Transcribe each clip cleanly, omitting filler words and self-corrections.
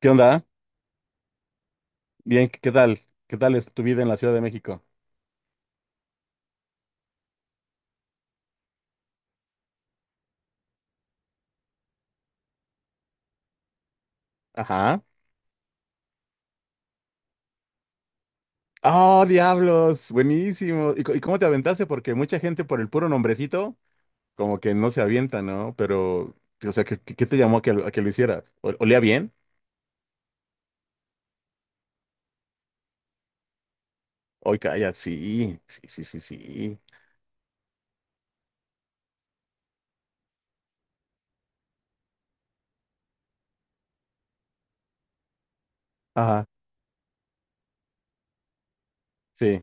¿Qué onda? Bien, ¿qué tal? ¿Qué tal es tu vida en la Ciudad de México? Ajá. ¡Oh, diablos! Buenísimo. ¿Y, y cómo te aventaste? Porque mucha gente por el puro nombrecito, como que no se avienta, ¿no? Pero, o sea, ¿qué te llamó a que, a que lo hicieras? ¿Olía bien? Hoy calla, sí, sí, sí, sí, sí. Ajá, sí.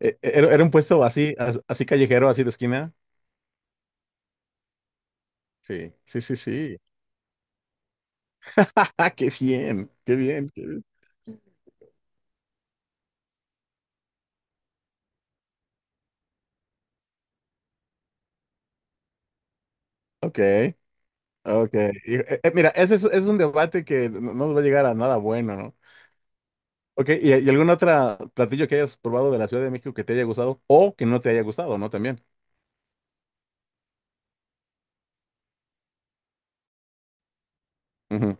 ¿Era, era un puesto así, así callejero, así de esquina? Sí, sí, sí, sí. ¡Ja, ja! ¡Qué bien! ¡Qué bien! ¡Qué bien! Ok. Ok, y, mira, ese es un debate que no nos va a llegar a nada bueno, ¿no? Ok, ¿y algún otro platillo que hayas probado de la Ciudad de México que te haya gustado o que no te haya gustado, ¿no? También. Ujú.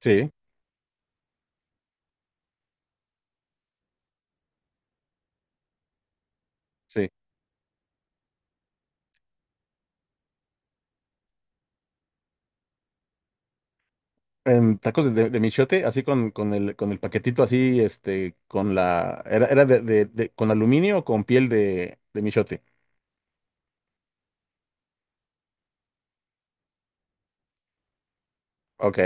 Sí, sí. En tacos de michote, así con el paquetito así, era de, con aluminio o con piel de michote. Ok.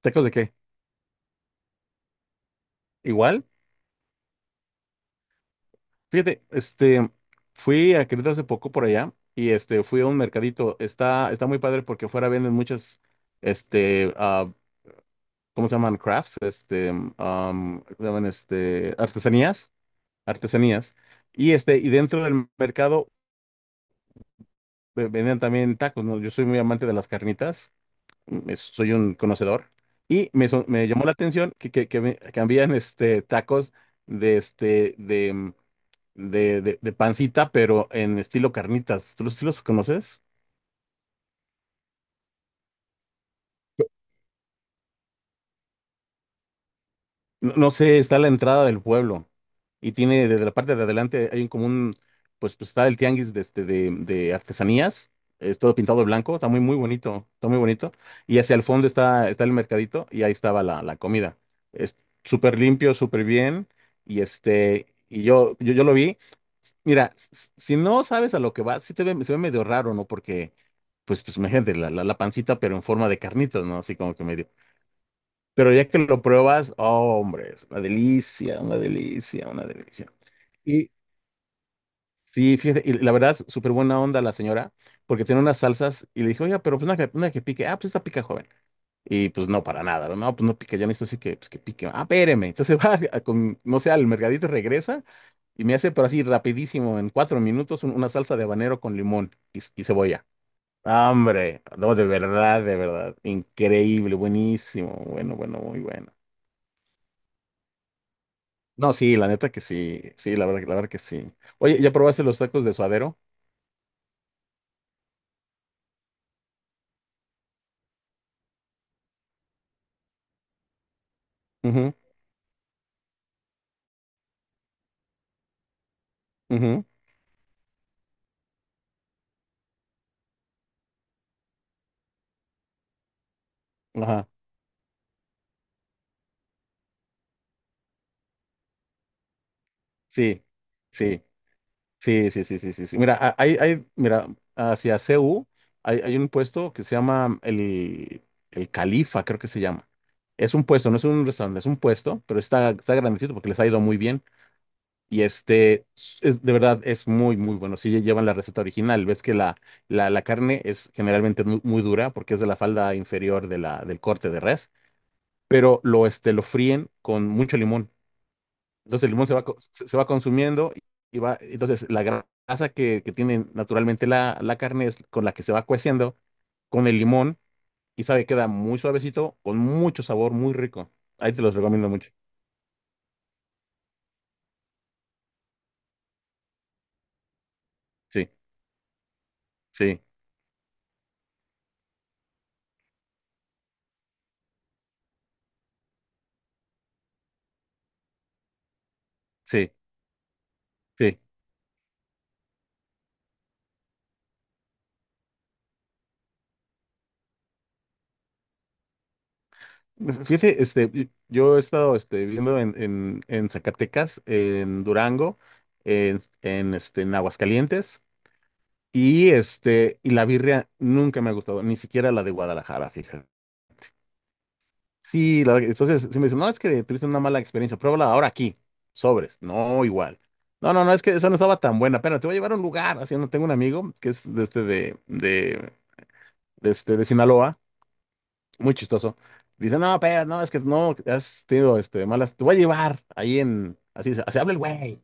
¿Tacos de qué? ¿Igual? Fíjate, fui a Querétaro hace poco por allá y fui a un mercadito. Está muy padre porque afuera venden muchas, este, ah, ¿cómo se llaman? Crafts, ¿cómo se llaman? Artesanías. Y dentro del mercado vendían también tacos, ¿no? Yo soy muy amante de las carnitas, soy un conocedor. Y me llamó la atención que, que habían, tacos de, este, de pancita, pero en estilo carnitas. ¿Tú los, sí los conoces? No, no sé, está la entrada del pueblo y tiene desde la parte de adelante hay un común, pues está el tianguis de artesanías, es todo pintado de blanco, está muy, muy bonito, está muy bonito. Y hacia el fondo está el mercadito y ahí estaba la comida. Es súper limpio, súper bien y yo lo vi. Mira, si no sabes a lo que va, se ve medio raro, ¿no? Porque, pues imagínate, la pancita, pero en forma de carnitas, ¿no? Así como que medio. Pero ya que lo pruebas, oh, hombre, es una delicia, una delicia, una delicia. Y sí, fíjate, y la verdad, súper buena onda la señora, porque tiene unas salsas y le dije, oiga, pero pues una que pique, ah, pues esta pica joven. Y pues no, para nada, no, no, pues no pica, yo necesito así que, pues, que pique, ah, espéreme. Entonces va, con, no sé, al mercadito regresa y me hace, pero así rapidísimo, en 4 minutos, una salsa de habanero con limón y cebolla. Ah, hombre, no, de verdad, increíble, buenísimo, bueno, bueno, muy bueno. No, sí, la neta que sí. Sí, la verdad que sí. Oye, ¿ya probaste los tacos de suadero? Ujú, ujú. Ajá. Sí, sí, sí, sí, sí, sí, sí, sí. Mira, hacia CU hay un puesto que se llama el Califa, creo que se llama. Es un puesto, no es un restaurante, es un puesto, pero está grandecito porque les ha ido muy bien. Y este, de verdad, es muy, muy bueno. Si llevan la receta original, ves que la carne es generalmente muy, dura porque es de la falda inferior del corte de res, pero lo fríen con mucho limón. Entonces el limón se va consumiendo entonces la grasa que tiene naturalmente la carne es con la que se va cueciendo con el limón y sabe, queda muy suavecito, con mucho sabor, muy rico. Ahí te los recomiendo mucho. Sí, sí, sí, sí. Fíjate, yo he estado viviendo en, en Zacatecas, en Durango, en Aguascalientes, y la birria nunca me ha gustado, ni siquiera la de Guadalajara, fíjate. Sí, entonces, si me dicen, no, es que tuviste una mala experiencia, pruébala ahora aquí, sobres, no, igual. No, no, no, es que esa no estaba tan buena, pero te voy a llevar a un lugar, así, no tengo un amigo que es de, este, de, este, de Sinaloa. Muy chistoso. Dice, no, pero no, es que no, has tenido malas, te voy a llevar ahí en, así, se así habla el güey,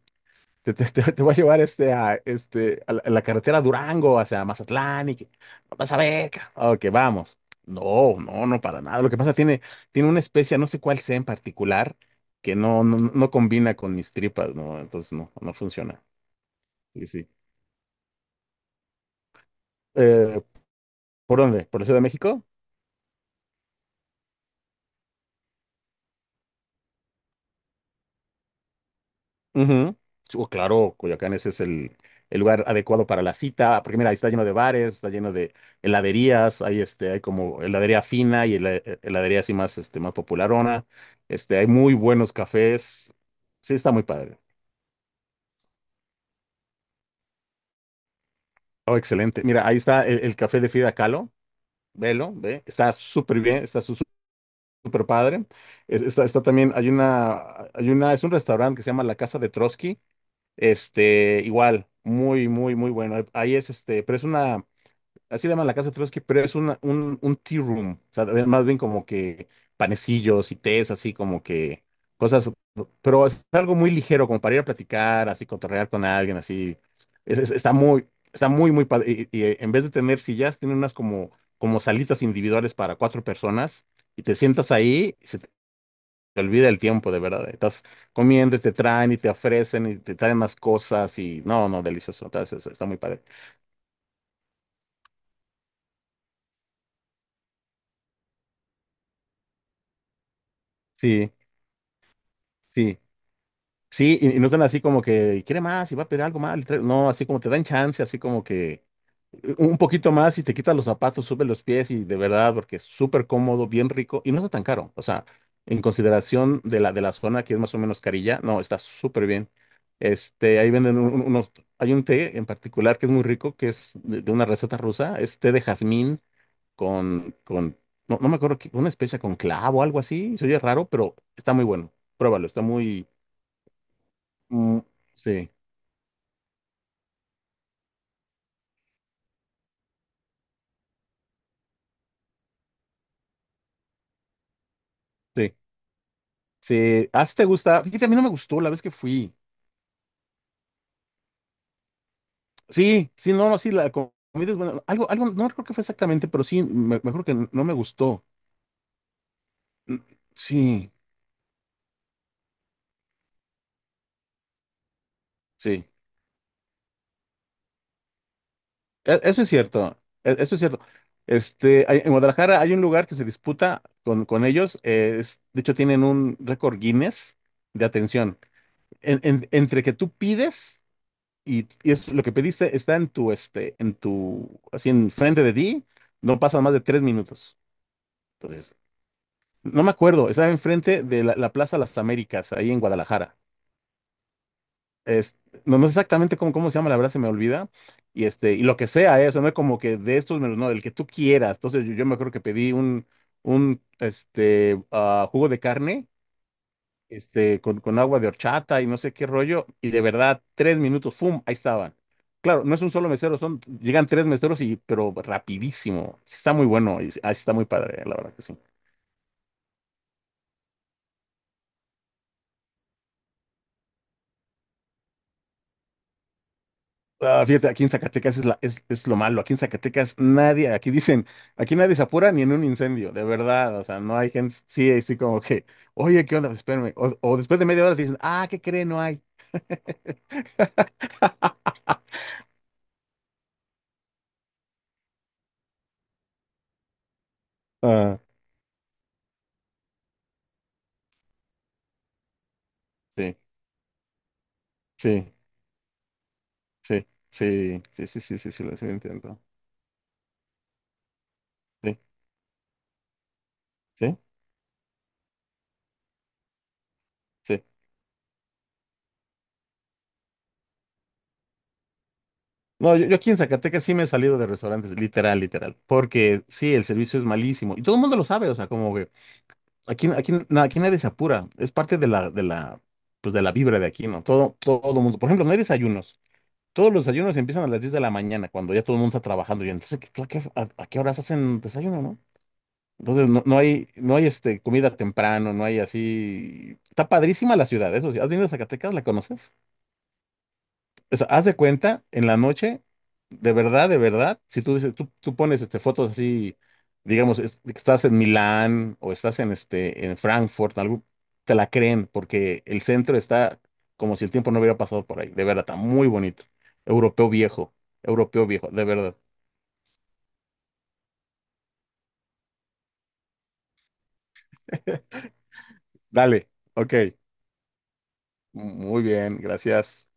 te voy a llevar a la carretera Durango, hacia Mazatlán, y que, vas a ver, Ok, vamos. No, no, no, para nada. Lo que pasa, tiene una especie, no sé cuál sea en particular, que no, no, no no combina con mis tripas, ¿no? Entonces, no, no funciona. Sí, sí. Eh, ¿Por dónde? ¿Por la Ciudad de México? Ujú. Sí, oh, claro, Coyoacán ese es el lugar adecuado para la cita, porque mira, ahí está lleno de bares, está lleno de heladerías, hay como heladería fina y heladería así más, más popularona, hay muy buenos cafés, sí, está muy padre. Oh, excelente. Mira, ahí está el café de Frida Kahlo, ve, está súper bien, está super padre. Está, está también, es un restaurante que se llama La Casa de Trotsky. Igual, muy, muy, muy bueno. Ahí es pero es una, así le llaman la casa de Trotsky, pero es un tea room, o sea, es más bien como que panecillos y tés, así como que cosas, pero es algo muy ligero, como para ir a platicar, así cotorrear con alguien, así. Está muy, muy padre, y, en vez de tener sillas, tiene unas como salitas individuales para cuatro personas, y te sientas ahí, y se te olvida el tiempo, de verdad, estás comiendo y te traen y te ofrecen y te traen más cosas, y no, no, delicioso, entonces está muy padre, sí, sí. Sí, y no están así como que quiere más y va a pedir algo más. No, así como te dan chance, así como que un poquito más y te quitas los zapatos, sube los pies y de verdad, porque es súper cómodo, bien rico y no está tan caro. O sea, en consideración de la zona que es más o menos carilla, no, está súper bien. Ahí venden hay un té en particular que es muy rico, que es de una receta rusa, es té de jazmín con, con, no, no me acuerdo, una especia con clavo o algo así, se oye raro, pero está muy bueno. Pruébalo, está muy, mm, sí. Sí, sí. Ah, sí te gusta. Fíjate, a mí no me gustó la vez que fui. Sí, sí, no, no, sí, la comida es buena. Algo, algo, no recuerdo qué fue exactamente, pero sí, mejor que no me gustó. Mm, sí, sí. Eso es cierto. Eso es cierto. En Guadalajara hay un lugar que se disputa con ellos. De hecho, tienen un récord Guinness de atención. Entre que tú pides y es lo que pediste está en tu, en tu, así enfrente de ti, no pasan más de 3 minutos. Entonces, no me acuerdo, estaba enfrente de la Plaza Las Américas, ahí en Guadalajara. Es- no, no sé exactamente cómo se llama, la verdad se me olvida. Y lo que sea, ¿eh? O sea, no es como que de estos menús, no, del que tú quieras. Entonces yo me acuerdo que pedí un jugo de carne, con agua de horchata y no sé qué rollo. Y de verdad, 3 minutos, ¡fum! Ahí estaban. Claro, no es un solo mesero, llegan tres meseros, y, pero rapidísimo. Sí está muy bueno, sí está muy padre, ¿eh? La verdad que sí. Ah, fíjate, aquí en Zacatecas es lo malo. Aquí en Zacatecas nadie, aquí dicen, aquí nadie se apura ni en un incendio, de verdad. O sea, no hay gente, sí, así como que, oye, ¿qué onda? Espérame. O después de media hora te dicen, ah, ¿qué cree? No hay. Ah, sí, sí, sí, sí, sí, sí, sí, sí, sí, sí lo entiendo. Sí, sí, sí. No, yo aquí en Zacatecas sí me he salido de restaurantes, literal, literal, porque sí, el servicio es malísimo y todo el mundo lo sabe, o sea, como que. Aquí nadie se apura. Es parte de la, pues de la vibra de aquí, ¿no? Todo, todo el mundo. Por ejemplo, no hay desayunos. Todos los desayunos empiezan a las 10 de la mañana, cuando ya todo el mundo está trabajando. Y entonces, tú a qué horas hacen desayuno, no? Entonces, no no hay, comida temprano, no hay así. Está padrísima la ciudad, eso sí. ¿Has venido a Zacatecas? ¿La conoces? O sea, haz de cuenta, en la noche, de verdad, si tú dices, tú pones fotos así, digamos, estás en Milán o estás en Frankfurt, algo, te la creen porque el centro está como si el tiempo no hubiera pasado por ahí. De verdad, está muy bonito. Europeo viejo, europeo viejo, de verdad. Dale, ok. Muy bien, gracias.